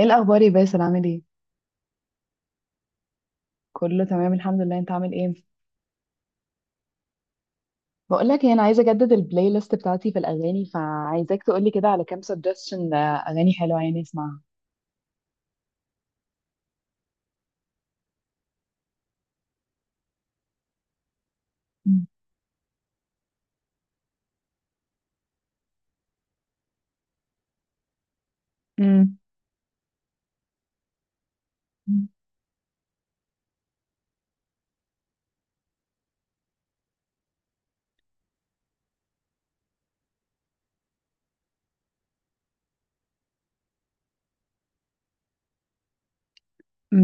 ايه الاخبار يا باسل، عامل ايه؟ كله تمام الحمد لله. انت عامل ايه؟ بقول لك ايه، انا عايزه اجدد البلاي ليست بتاعتي في الاغاني، فعايزاك تقولي كده على كام سجستشن اغاني حلوه يعني اسمعها. مم. مم.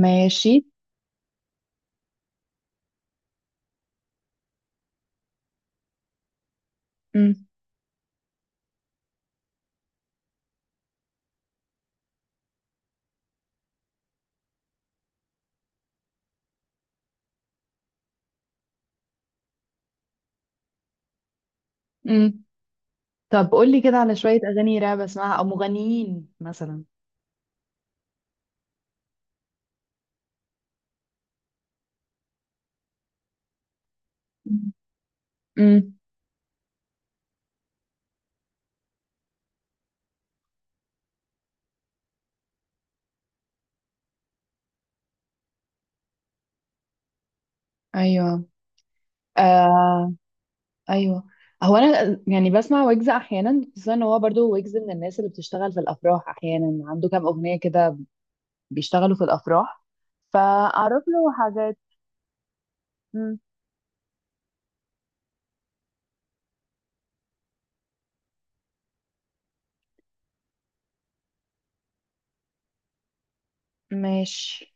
ماشي. مم. مم. طب قولي كده على شويه اغاني راب اسمعها او مغنيين مثلا. مم. مم. ايوه. آه. ايوه. هو انا يعني بسمع ويجز احيانا، خصوصا ان هو برضو ويجز من الناس اللي بتشتغل في الافراح، احيانا عنده كام اغنيه كده بيشتغلوا في الأفراح فأعرف له حاجات. مم، ماشي.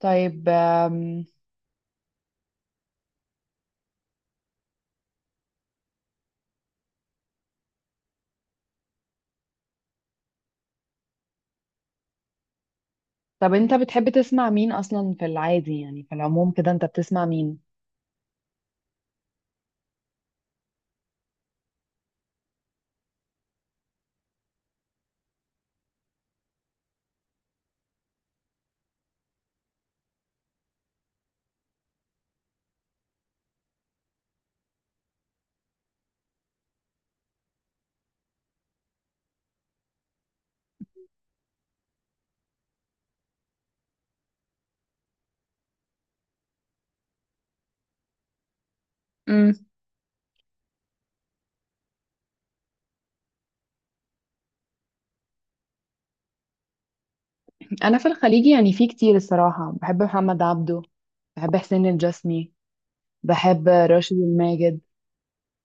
طيب طب أنت بتحب تسمع مين أصلا في العادي، يعني في العموم كده أنت بتسمع مين؟ مم. أنا في الخليجي يعني في كتير الصراحة، بحب محمد عبده، بحب حسين الجسمي، بحب راشد الماجد،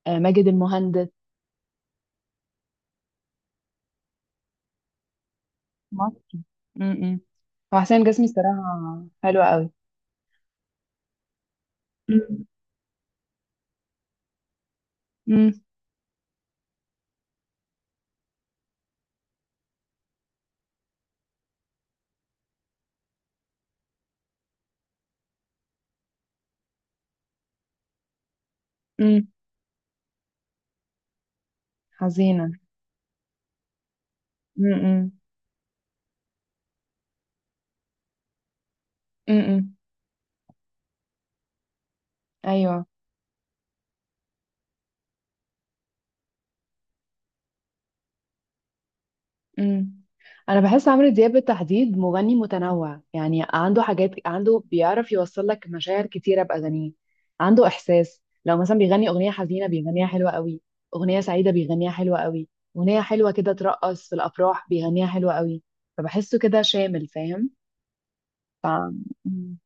ماجد المهندس. مصري. م-م. هو حسين الجسمي الصراحة حلوة قوي. م- م- م. حزينة. م-م. م-م. أيوة. امم انا بحس عمرو دياب بالتحديد مغني متنوع، يعني عنده حاجات، عنده بيعرف يوصل لك مشاعر كتيره باغانيه. عنده احساس، لو مثلا بيغني اغنيه حزينه بيغنيها حلوه قوي، اغنيه سعيده بيغنيها حلوه قوي، اغنيه حلوه كده ترقص في الافراح بيغنيها حلوه قوي. فبحسه كده شامل، فاهم. ف مم.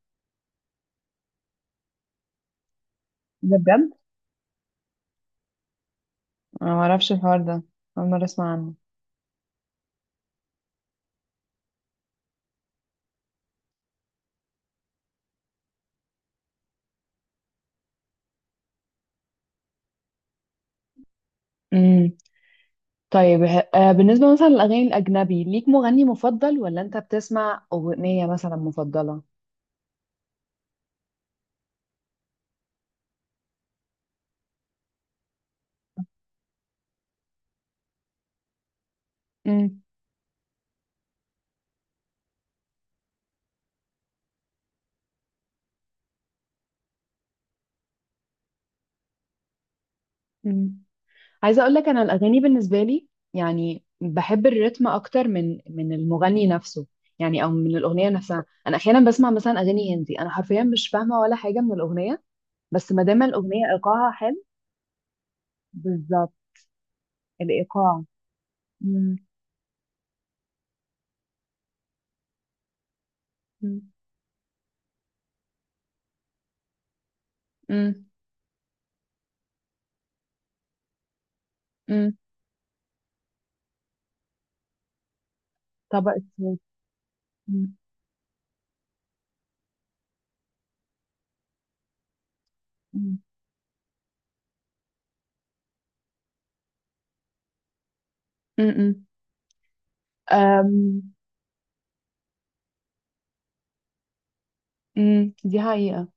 ده بجد. انا ما اعرفش الحوار ده، اول مره اسمع عنه. امم. طيب بالنسبه مثلا للاغاني الاجنبي، ليك مغني مفضل ولا انت بتسمع اغنيه مثلا مفضله؟ امم. امم. عايزه اقول لك، انا الاغاني بالنسبه لي يعني بحب الريتم اكتر من المغني نفسه، يعني او من الاغنيه نفسها. انا احيانا بسمع مثلا اغاني هندي، انا حرفيا مش فاهمه ولا حاجه من الاغنيه، بس ما دام الاغنيه ايقاعها حلو. بالظبط، الايقاع. امم. امم. امم. طبقه صوت. امم. امم. أم، أم، مم. دي حقيقة.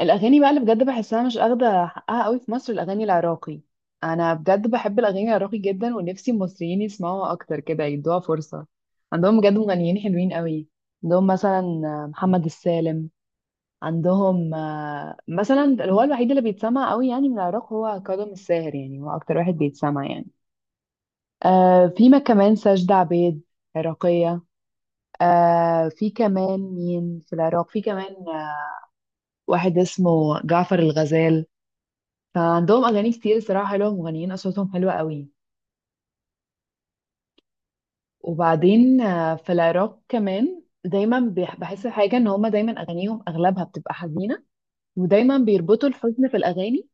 الاغاني بقى اللي بجد بحسها مش اخده حقها قوي في مصر، الاغاني العراقي. انا بجد بحب الاغاني العراقي جدا، ونفسي المصريين يسمعوها اكتر كده، يدوها فرصه. عندهم بجد مغنيين حلوين قوي. عندهم مثلا محمد السالم. عندهم مثلا اللي هو الوحيد اللي بيتسمع قوي يعني من العراق هو كاظم الساهر، يعني هو اكتر واحد بيتسمع يعني. آه، في ما كمان سجدة عبيد، عراقية. آه، في كمان مين في العراق، في كمان واحد اسمه جعفر الغزال. فعندهم أغاني كتير صراحة حلوة، مغنيين أصواتهم حلوة قوي. وبعدين في العراق كمان دايما بحس حاجة إن هما دايما أغانيهم أغلبها بتبقى حزينة، ودايما بيربطوا الحزن في الأغاني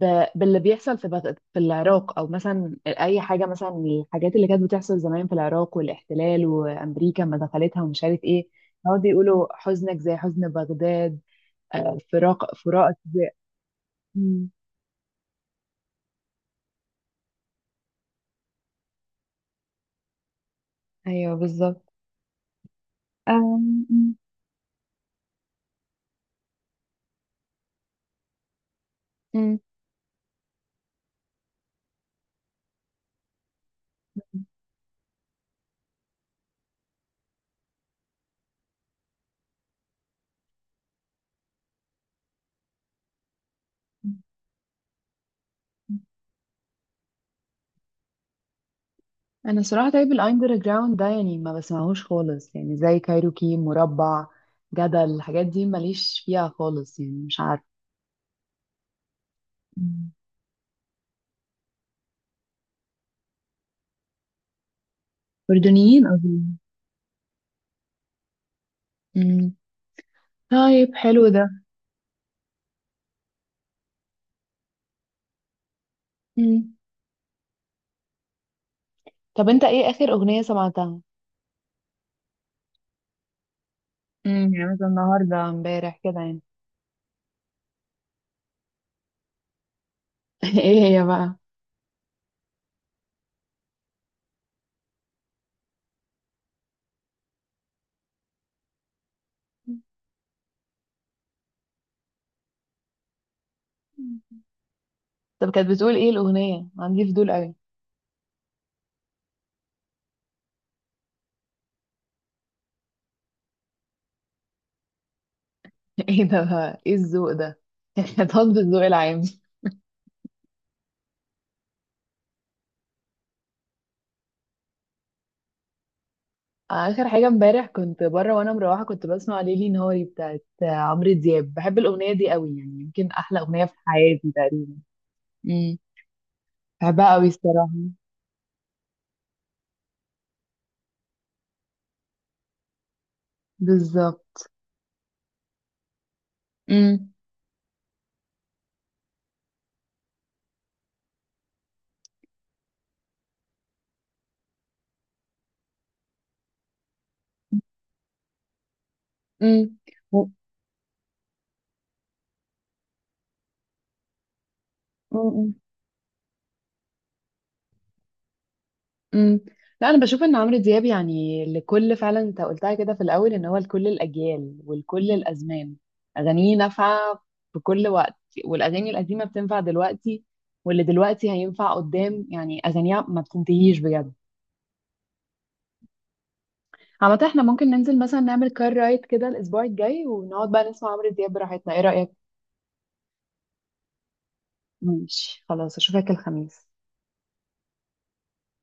باللي بيحصل في في العراق، أو مثلا أي حاجة، مثلا الحاجات اللي كانت بتحصل زمان في العراق والاحتلال وأمريكا ما دخلتها ومش عارف إيه. هو بيقولوا حزنك زي حزن بغداد، فراق فراقك. زي مم. أيوه بالظبط. أم-. مم. مم. انا صراحه، طيب الاندر جراوند ده يعني ما بسمعهوش خالص، يعني زي كايروكي، مربع، جدل، الحاجات دي ماليش فيها خالص يعني، مش عارفه. مم. أردنيين قصدي. امم. طيب حلو ده. امم. طب انت ايه اخر اغنيه سمعتها؟ امم، يعني مثلا النهارده امبارح كده يعني. ايه هي بقى؟ طب كانت بتقول ايه الاغنيه، عندي فضول قوي. ايه ده بقى؟ ايه الذوق ده؟ احنا طب الذوق العام. اخر حاجه امبارح كنت بره وانا مروحه، كنت بسمع ليلي نهاري بتاعت عمرو دياب، بحب الاغنيه دي قوي، يعني يمكن احلى اغنيه في حياتي تقريبا. امم. بحبها قوي الصراحه. بالظبط. امم. امم. و- امم. أمم. لا انا بشوف ان عمرو دياب يعني لكل، فعلا انت قلتها كده في الاول، ان هو لكل الاجيال ولكل الازمان، اغانيه نافعه في كل وقت. والاغاني القديمه بتنفع دلوقتي، واللي دلوقتي هينفع قدام، يعني اغانيها ما بتنتهيش بجد. عامة احنا ممكن ننزل مثلا نعمل كار رايد كده الأسبوع الجاي، ونقعد بقى نسمع عمرو دياب براحتنا، ايه رأيك؟ ماشي خلاص، أشوفك الخميس.